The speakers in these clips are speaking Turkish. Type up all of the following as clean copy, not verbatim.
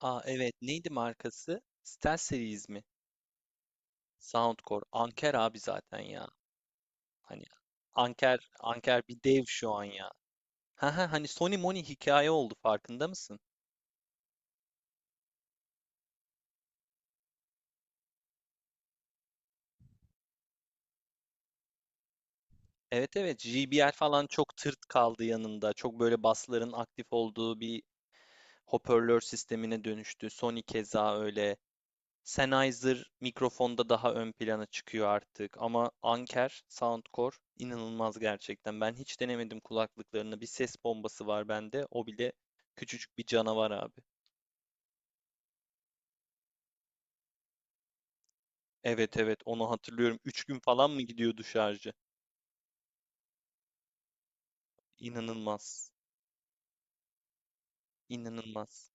Aa evet neydi markası? Stel Series mi? Soundcore. Anker abi zaten ya. Hani Anker Anker bir dev şu an ya. Ha ha hani Sony Moni hikaye oldu farkında mısın? Evet evet JBL falan çok tırt kaldı yanında. Çok böyle basların aktif olduğu bir hoparlör sistemine dönüştü. Sony keza öyle. Sennheiser mikrofonda daha ön plana çıkıyor artık ama Anker, Soundcore inanılmaz gerçekten. Ben hiç denemedim kulaklıklarını. Bir ses bombası var bende. O bile küçücük bir canavar abi. Evet evet onu hatırlıyorum. 3 gün falan mı gidiyordu şarjı? İnanılmaz. İnanılmaz.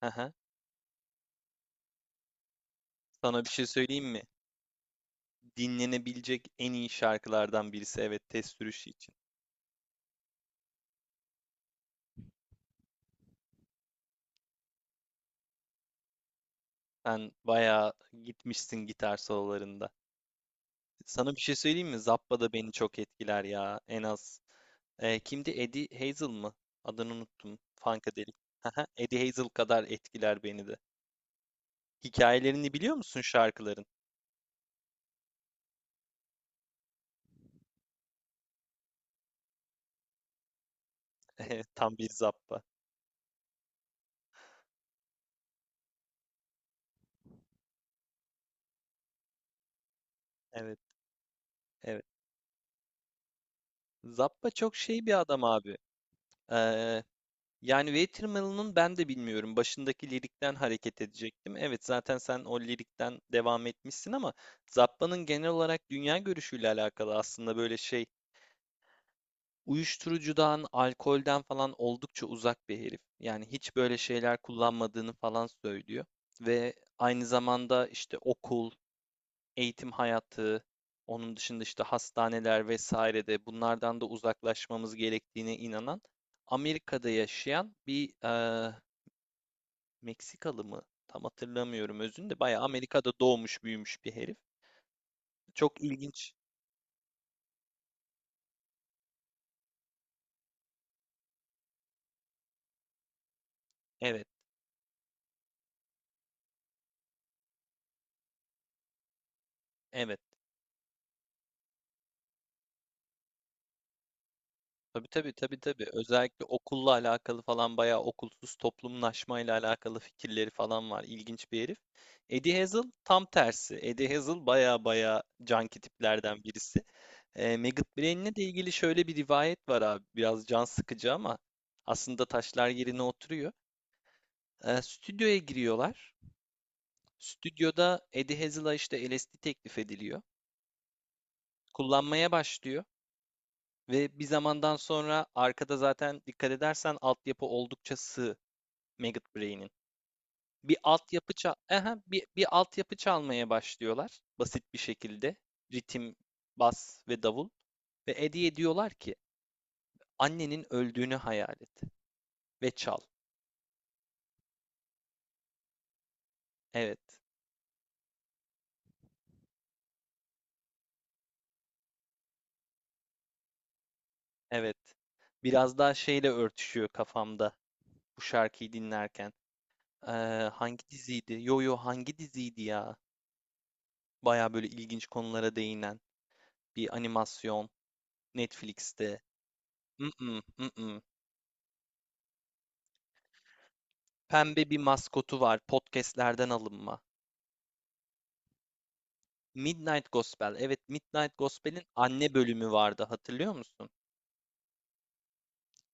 Aha. Sana bir şey söyleyeyim mi? Dinlenebilecek en iyi şarkılardan birisi evet test sürüşü için. Sen bayağı gitmişsin gitar sololarında. Sana bir şey söyleyeyim mi? Zappa da beni çok etkiler ya. En az. Kimdi? Eddie Hazel mı? Adını unuttum. Funkadelic. Haha, Eddie Hazel kadar etkiler beni de. Hikayelerini biliyor musun şarkıların? Tam bir Zappa. Evet, evet. Zappa çok şey bir adam abi. Ee, Yani Watermelon'un ben de bilmiyorum. Başındaki lirikten hareket edecektim. Evet, zaten sen o lirikten devam etmişsin ama Zappa'nın genel olarak dünya görüşüyle alakalı aslında böyle şey uyuşturucudan, alkolden falan oldukça uzak bir herif. Yani hiç böyle şeyler kullanmadığını falan söylüyor. Ve aynı zamanda işte okul, eğitim hayatı, onun dışında işte hastaneler vesaire de bunlardan da uzaklaşmamız gerektiğine inanan Amerika'da yaşayan bir Meksikalı mı? Tam hatırlamıyorum özünde. Bayağı Amerika'da doğmuş büyümüş bir herif. Çok ilginç. Evet, evet. Tabii tabii tabii tabii. Özellikle okulla alakalı falan bayağı okulsuz toplumlaşmayla alakalı fikirleri falan var. İlginç bir herif. Eddie Hazel tam tersi. Eddie Hazel bayağı bayağı canki tiplerden birisi. Maggot Brain'le de ilgili şöyle bir rivayet var abi. Biraz can sıkıcı ama aslında taşlar yerine oturuyor. Stüdyoya giriyorlar. Stüdyoda Eddie Hazel'a işte LSD teklif ediliyor. Kullanmaya başlıyor. Ve bir zamandan sonra arkada zaten dikkat edersen altyapı oldukça sığ. Maggot Brain'in. Bir altyapı ça Aha, bir altyapı çalmaya başlıyorlar basit bir şekilde. Ritim, bas ve davul. Ve Eddie'ye diyorlar ki annenin öldüğünü hayal et ve çal. Evet, evet. Biraz daha şeyle örtüşüyor kafamda bu şarkıyı dinlerken. Ee, Hangi diziydi? Yo yo hangi diziydi ya? Baya böyle ilginç konulara değinen bir animasyon Netflix'te. Mm-mm, mm-mm. Pembe bir maskotu var. Podcast'lerden alınma. Midnight Gospel. Evet, Midnight Gospel'in anne bölümü vardı. Hatırlıyor musun?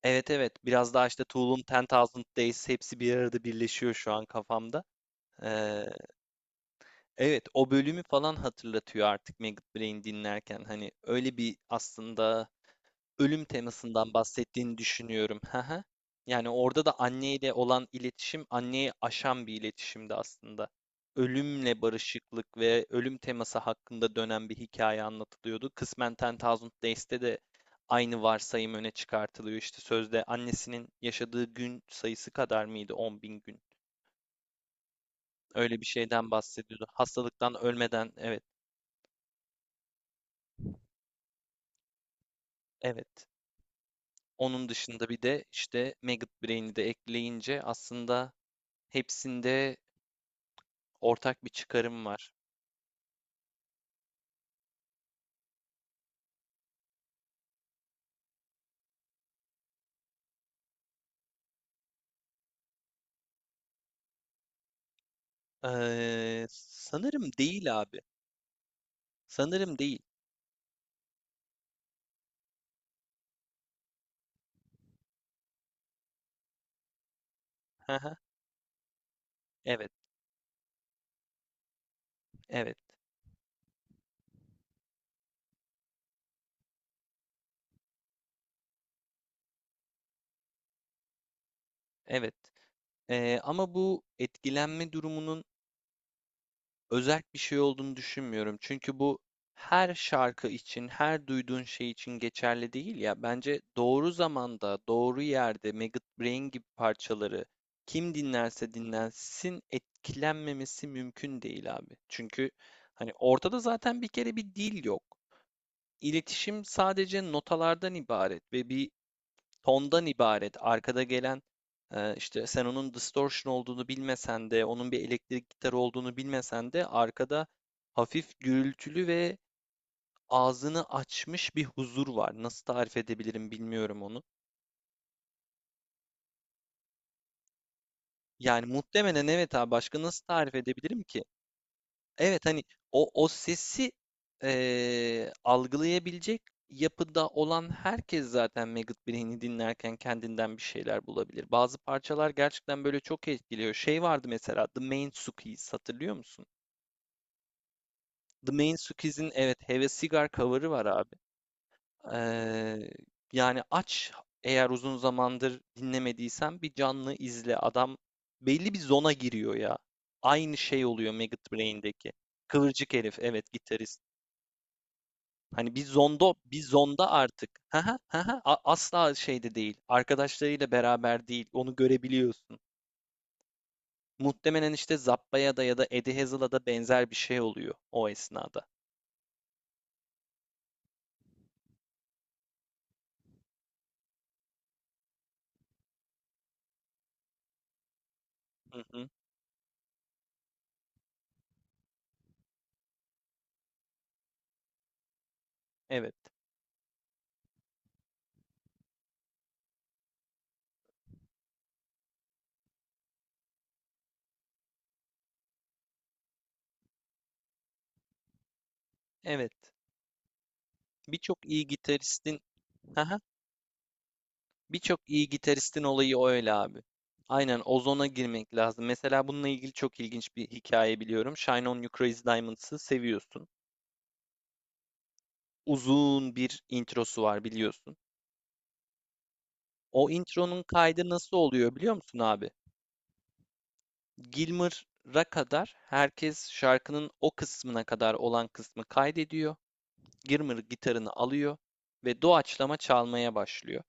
Evet evet. Biraz daha işte Tool'un 10,000 Days hepsi bir arada birleşiyor şu an kafamda. Ee, evet o bölümü falan hatırlatıyor artık Maggot Brain dinlerken. Hani öyle bir aslında ölüm temasından bahsettiğini düşünüyorum. Hı hı. Yani orada da anneyle olan iletişim anneyi aşan bir iletişimdi aslında. Ölümle barışıklık ve ölüm teması hakkında dönen bir hikaye anlatılıyordu. Kısmen Ten Thousand Days'te de aynı varsayım öne çıkartılıyor. İşte sözde annesinin yaşadığı gün sayısı kadar mıydı? 10 bin gün. Öyle bir şeyden bahsediyordu. Hastalıktan ölmeden evet, evet. Onun dışında bir de işte Maggot Brain'i de ekleyince aslında hepsinde ortak bir çıkarım var. Sanırım değil abi. Sanırım değil. Haha, evet, evet, evet. Ama bu etkilenme durumunun özel bir şey olduğunu düşünmüyorum. Çünkü bu her şarkı için, her duyduğun şey için geçerli değil ya. Bence doğru zamanda, doğru yerde Maggot Brain gibi parçaları kim dinlerse dinlensin etkilenmemesi mümkün değil abi. Çünkü hani ortada zaten bir kere bir dil yok. İletişim sadece notalardan ibaret ve bir tondan ibaret. Arkada gelen işte sen onun distortion olduğunu bilmesen de, onun bir elektrik gitarı olduğunu bilmesen de arkada hafif gürültülü ve ağzını açmış bir huzur var. Nasıl tarif edebilirim bilmiyorum onu. Yani muhtemelen evet abi başka nasıl tarif edebilirim ki? Evet hani o sesi algılayabilecek yapıda olan herkes zaten Maggot Brain'i dinlerken kendinden bir şeyler bulabilir. Bazı parçalar gerçekten böyle çok etkiliyor. Şey vardı mesela The Mainsuki's hatırlıyor musun? The Mainsuki's'in evet Have a Cigar cover'ı var abi. Eee, Yani aç eğer uzun zamandır dinlemediysen bir canlı izle. Adam belli bir zona giriyor ya. Aynı şey oluyor Maggot Brain'deki. Kıvırcık herif evet gitarist. Hani bir zondo, bir zonda artık. Hı hı. Asla şeyde değil. Arkadaşlarıyla beraber değil. Onu görebiliyorsun. Muhtemelen işte Zappa'ya da ya da Eddie Hazel'a da benzer bir şey oluyor o esnada. Hı hı. Evet. Evet. Birçok iyi gitaristin Birçok iyi gitaristin olayı o öyle abi. Aynen ozona girmek lazım. Mesela bununla ilgili çok ilginç bir hikaye biliyorum. Shine On You Crazy Diamonds'ı seviyorsun. Uzun bir introsu var biliyorsun. O intronun kaydı nasıl oluyor biliyor musun abi? Gilmour'a kadar herkes şarkının o kısmına kadar olan kısmı kaydediyor. Gilmour gitarını alıyor ve doğaçlama çalmaya başlıyor.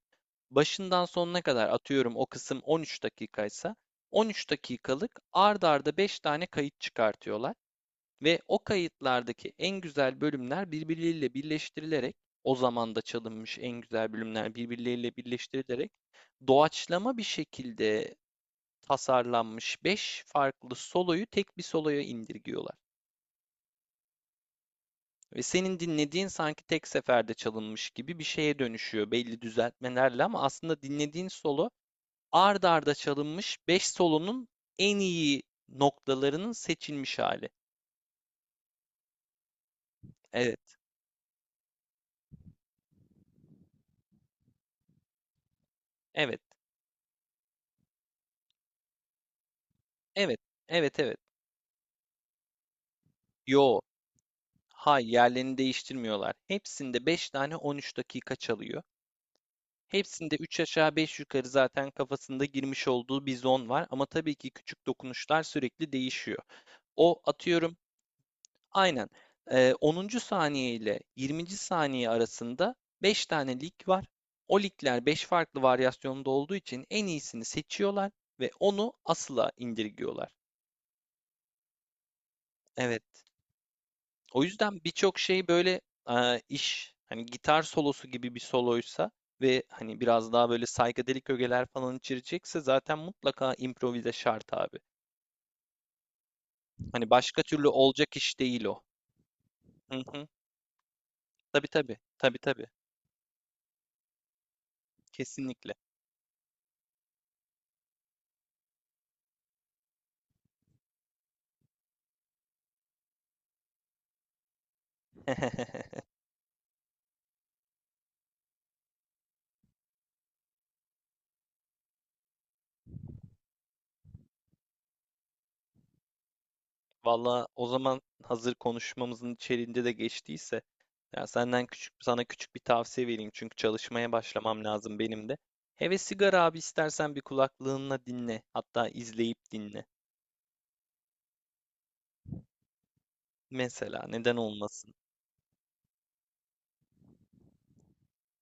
Başından sonuna kadar atıyorum o kısım 13 dakikaysa 13 dakikalık ard arda 5 tane kayıt çıkartıyorlar ve o kayıtlardaki en güzel bölümler birbirleriyle birleştirilerek o zaman da çalınmış en güzel bölümler birbirleriyle birleştirilerek doğaçlama bir şekilde tasarlanmış 5 farklı soloyu tek bir soloya indirgiyorlar. Ve senin dinlediğin sanki tek seferde çalınmış gibi bir şeye dönüşüyor belli düzeltmelerle ama aslında dinlediğin solo ard arda çalınmış 5 solonun en iyi noktalarının seçilmiş hali. Evet, evet, evet, evet, evet. Yo, hay yerlerini değiştirmiyorlar. Hepsinde 5 tane 13 dakika çalıyor. Hepsinde 3 aşağı beş yukarı zaten kafasında girmiş olduğu bir zon var. Ama tabii ki küçük dokunuşlar sürekli değişiyor. O atıyorum aynen. 10. saniye ile 20. saniye arasında 5 tane lig var. O ligler 5 farklı varyasyonda olduğu için en iyisini seçiyorlar ve onu asıla indirgiyorlar. Evet. O yüzden birçok şey böyle iş hani gitar solosu gibi bir soloysa ve hani biraz daha böyle psychedelic ögeler falan içirecekse zaten mutlaka improvize şart abi. Hani başka türlü olacak iş değil o. Hı hı. Tabii tabii. Tabii tabii. Kesinlikle. Valla o zaman hazır konuşmamızın içeriğinde de geçtiyse ya senden küçük sana küçük bir tavsiye vereyim çünkü çalışmaya başlamam lazım benim de. Hele sigara abi istersen bir kulaklığınla dinle hatta izleyip dinle. Mesela neden olmasın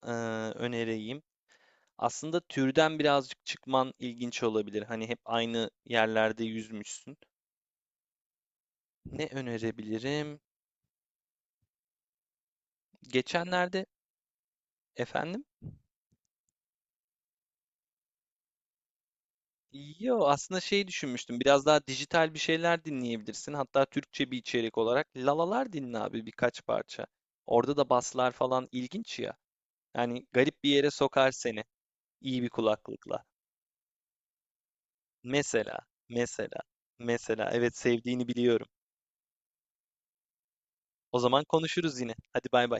ee, önereyim. Aslında türden birazcık çıkman ilginç olabilir. Hani hep aynı yerlerde yüzmüşsün. Ne önerebilirim? Geçenlerde efendim? Yo aslında şey düşünmüştüm biraz daha dijital bir şeyler dinleyebilirsin hatta Türkçe bir içerik olarak lalalar dinle abi birkaç parça orada da baslar falan ilginç ya yani garip bir yere sokar seni iyi bir kulaklıkla mesela mesela mesela evet sevdiğini biliyorum o zaman konuşuruz yine hadi bay bay